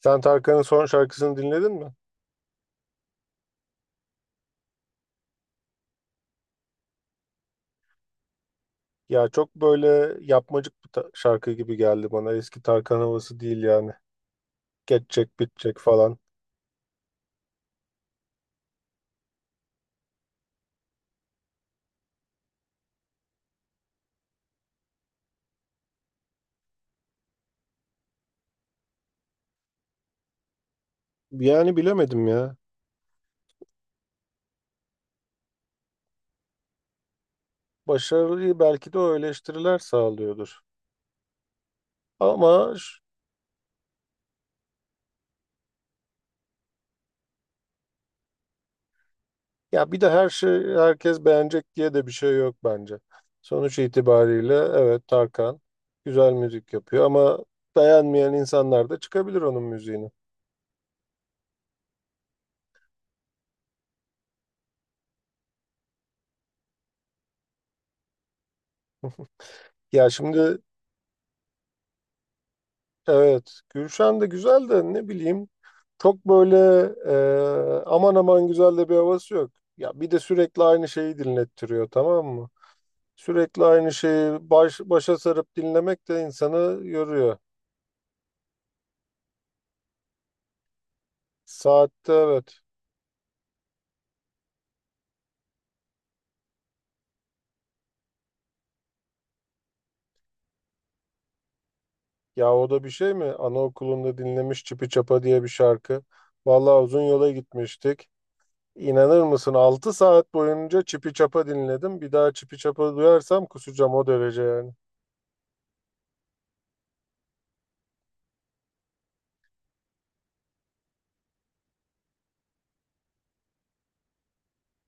Sen Tarkan'ın son şarkısını dinledin mi? Ya çok böyle yapmacık bir şarkı gibi geldi bana. Eski Tarkan havası değil yani. Geçecek, bitecek falan. Yani bilemedim ya. Başarıyı belki de o eleştiriler sağlıyordur. Ama ş- Ya bir de her şey herkes beğenecek diye de bir şey yok bence. Sonuç itibariyle evet Tarkan güzel müzik yapıyor ama beğenmeyen insanlar da çıkabilir onun müziğini. Ya şimdi evet Gülşen de güzel de ne bileyim. Çok böyle aman aman güzel de bir havası yok. Ya bir de sürekli aynı şeyi dinlettiriyor, tamam mı? Sürekli aynı şeyi başa sarıp dinlemek de insanı yoruyor. Saatte evet. Ya o da bir şey mi? Anaokulunda dinlemiş Çipi Çapa diye bir şarkı. Vallahi uzun yola gitmiştik. İnanır mısın, 6 saat boyunca Çipi Çapa dinledim. Bir daha Çipi Çapa duyarsam kusacağım, o derece yani.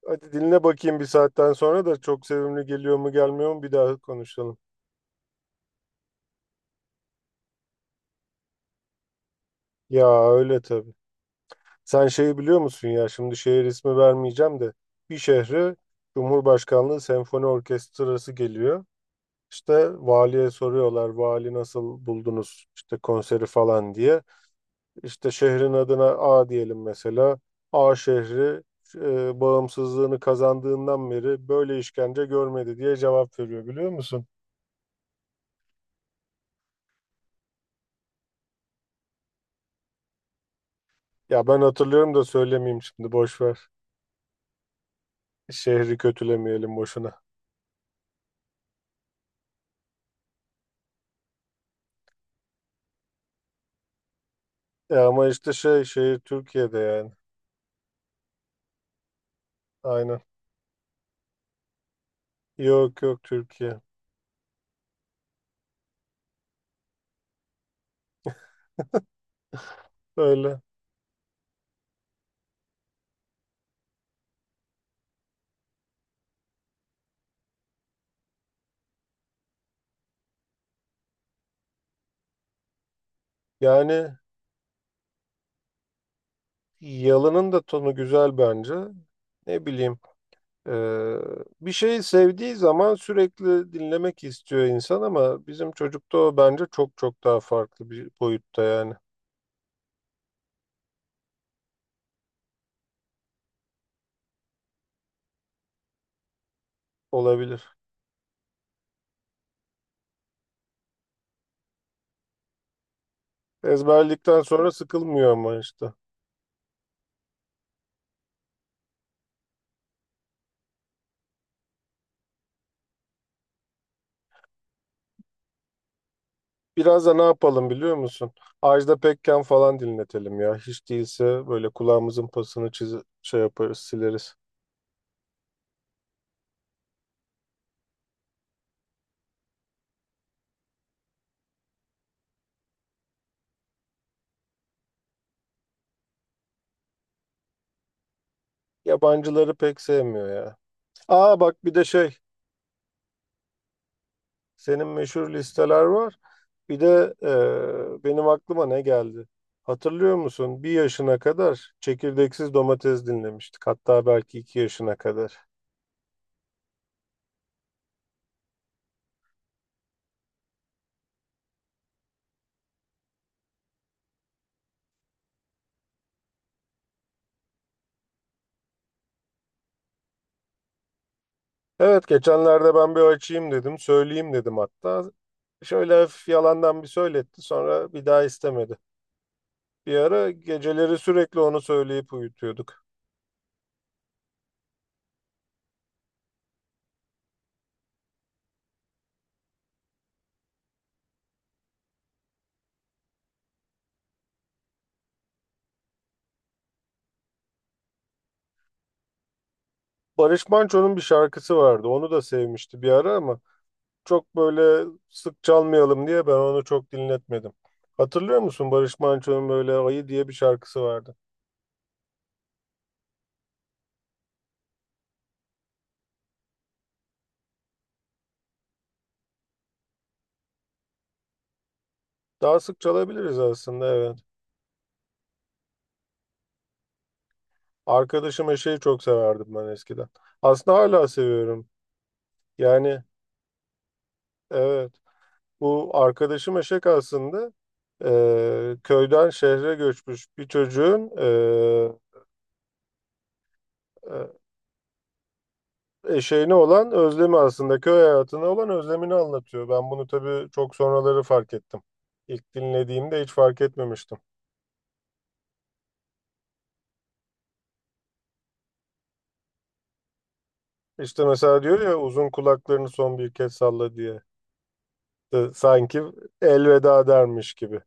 Hadi dinle bakayım, bir saatten sonra da çok sevimli geliyor mu gelmiyor mu, bir daha konuşalım. Ya öyle tabii. Sen şeyi biliyor musun, ya şimdi şehir ismi vermeyeceğim de bir şehre Cumhurbaşkanlığı Senfoni Orkestrası geliyor. İşte valiye soruyorlar, vali nasıl buldunuz işte konseri falan diye. İşte şehrin adına A diyelim mesela. A şehri bağımsızlığını kazandığından beri böyle işkence görmedi diye cevap veriyor, biliyor musun? Ya ben hatırlıyorum da söylemeyeyim şimdi, boş ver. Şehri kötülemeyelim boşuna. E ama işte şey şehir Türkiye'de yani. Aynen. Yok yok, Türkiye. Öyle. Yani yalının da tonu güzel bence. Ne bileyim. eee, Bir şeyi sevdiği zaman sürekli dinlemek istiyor insan ama bizim çocukta o bence çok çok daha farklı bir boyutta yani. Olabilir. Ezberledikten sonra sıkılmıyor ama işte. Biraz da ne yapalım biliyor musun? Ajda Pekkan falan dinletelim ya. Hiç değilse böyle kulağımızın pasını çiz, şey yaparız, sileriz. Yabancıları pek sevmiyor ya. Aa bak bir de şey, senin meşhur listeler var. Bir de benim aklıma ne geldi? Hatırlıyor musun? Bir yaşına kadar çekirdeksiz domates dinlemiştik. Hatta belki 2 yaşına kadar. Evet geçenlerde ben bir açayım dedim. Söyleyeyim dedim hatta. Şöyle hafif yalandan bir söyletti. Sonra bir daha istemedi. Bir ara geceleri sürekli onu söyleyip uyutuyorduk. Barış Manço'nun bir şarkısı vardı. Onu da sevmişti bir ara ama çok böyle sık çalmayalım diye ben onu çok dinletmedim. Hatırlıyor musun, Barış Manço'nun böyle Ayı diye bir şarkısı vardı. Daha sık çalabiliriz aslında, evet. Arkadaşım Eşeği çok severdim ben eskiden. Aslında hala seviyorum. Yani evet, bu arkadaşım Eşek aslında e, köyden şehre göçmüş bir çocuğun e, şeyine olan özlemi, aslında köy hayatına olan özlemini anlatıyor. Ben bunu tabii çok sonraları fark ettim. İlk dinlediğimde hiç fark etmemiştim. İşte mesela diyor ya, uzun kulaklarını son bir kez salla diye. Sanki elveda dermiş gibi.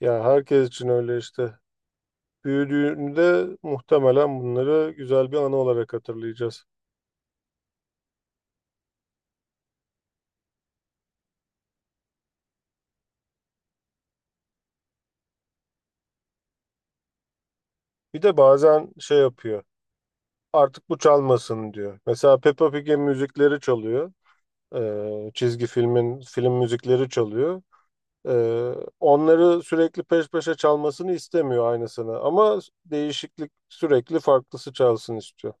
Ya herkes için öyle işte. Büyüdüğünde muhtemelen bunları güzel bir anı olarak hatırlayacağız. Bir de bazen şey yapıyor. Artık bu çalmasın diyor. Mesela Peppa Pig'in müzikleri çalıyor. Çizgi filmin film müzikleri çalıyor. Ee, Onları sürekli peş peşe çalmasını istemiyor aynısını, ama değişiklik sürekli farklısı çalsın istiyor.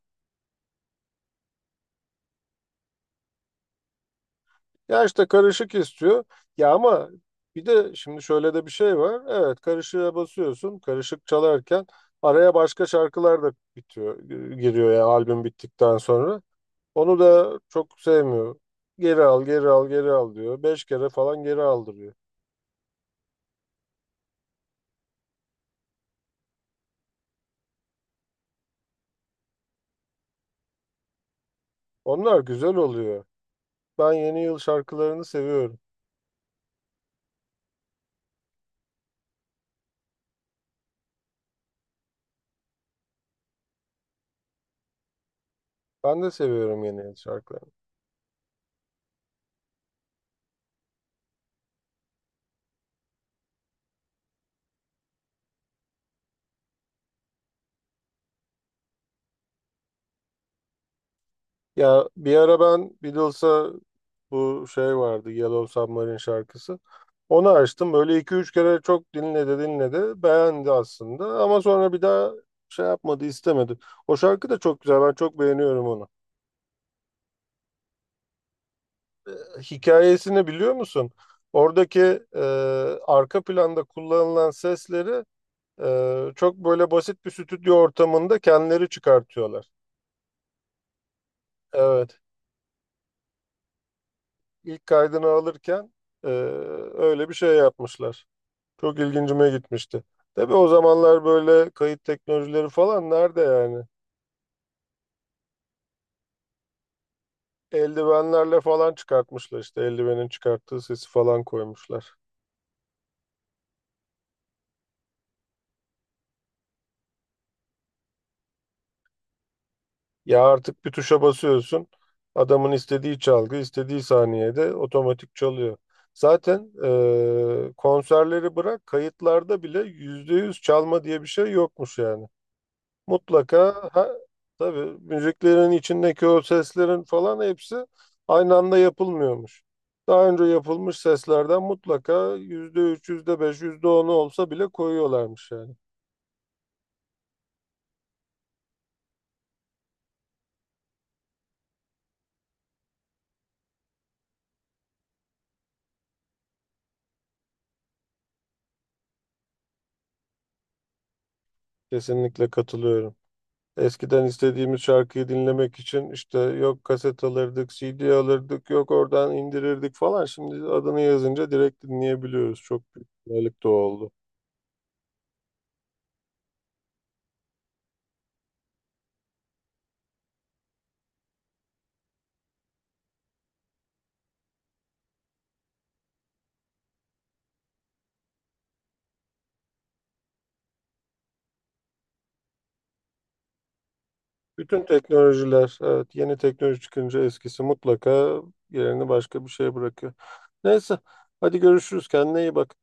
Ya işte karışık istiyor. Ya ama bir de şimdi şöyle de bir şey var. Evet karışığa basıyorsun. Karışık çalarken araya başka şarkılar da bitiyor, giriyor ya albüm bittikten sonra. Onu da çok sevmiyor. Geri al, geri al, geri al diyor. 5 kere falan geri aldırıyor. Onlar güzel oluyor. Ben yeni yıl şarkılarını seviyorum. Ben de seviyorum yeni yıl şarkılarını. Ya bir ara ben Beatles'a bu şey vardı, Yellow Submarine şarkısı. Onu açtım. Böyle 2-3 kere çok dinledi dinledi. Beğendi aslında ama sonra bir daha şey yapmadı, istemedi. O şarkı da çok güzel. Ben çok beğeniyorum onu. Hikayesini biliyor musun? Oradaki e, arka planda kullanılan sesleri çok böyle basit bir stüdyo ortamında kendileri çıkartıyorlar. Evet. İlk kaydını alırken e, öyle bir şey yapmışlar. Çok ilgincime gitmişti. Tabii o zamanlar böyle kayıt teknolojileri falan nerede yani? Eldivenlerle falan çıkartmışlar, işte eldivenin çıkarttığı sesi falan koymuşlar. Ya artık bir tuşa basıyorsun. Adamın istediği çalgı istediği saniyede otomatik çalıyor. Zaten konserleri bırak, kayıtlarda bile %100 çalma diye bir şey yokmuş yani. Mutlaka tabii müziklerin içindeki o seslerin falan hepsi aynı anda yapılmıyormuş. Daha önce yapılmış seslerden mutlaka %3, yüzde beş, yüzde onu olsa bile koyuyorlarmış yani. Kesinlikle katılıyorum. Eskiden istediğimiz şarkıyı dinlemek için işte yok kaset alırdık, CD alırdık, yok oradan indirirdik falan. Şimdi adını yazınca direkt dinleyebiliyoruz. Çok büyük kolaylık da oldu. Bütün teknolojiler, evet, yeni teknoloji çıkınca eskisi mutlaka yerini başka bir şeye bırakıyor. Neyse, hadi görüşürüz. Kendine iyi bak.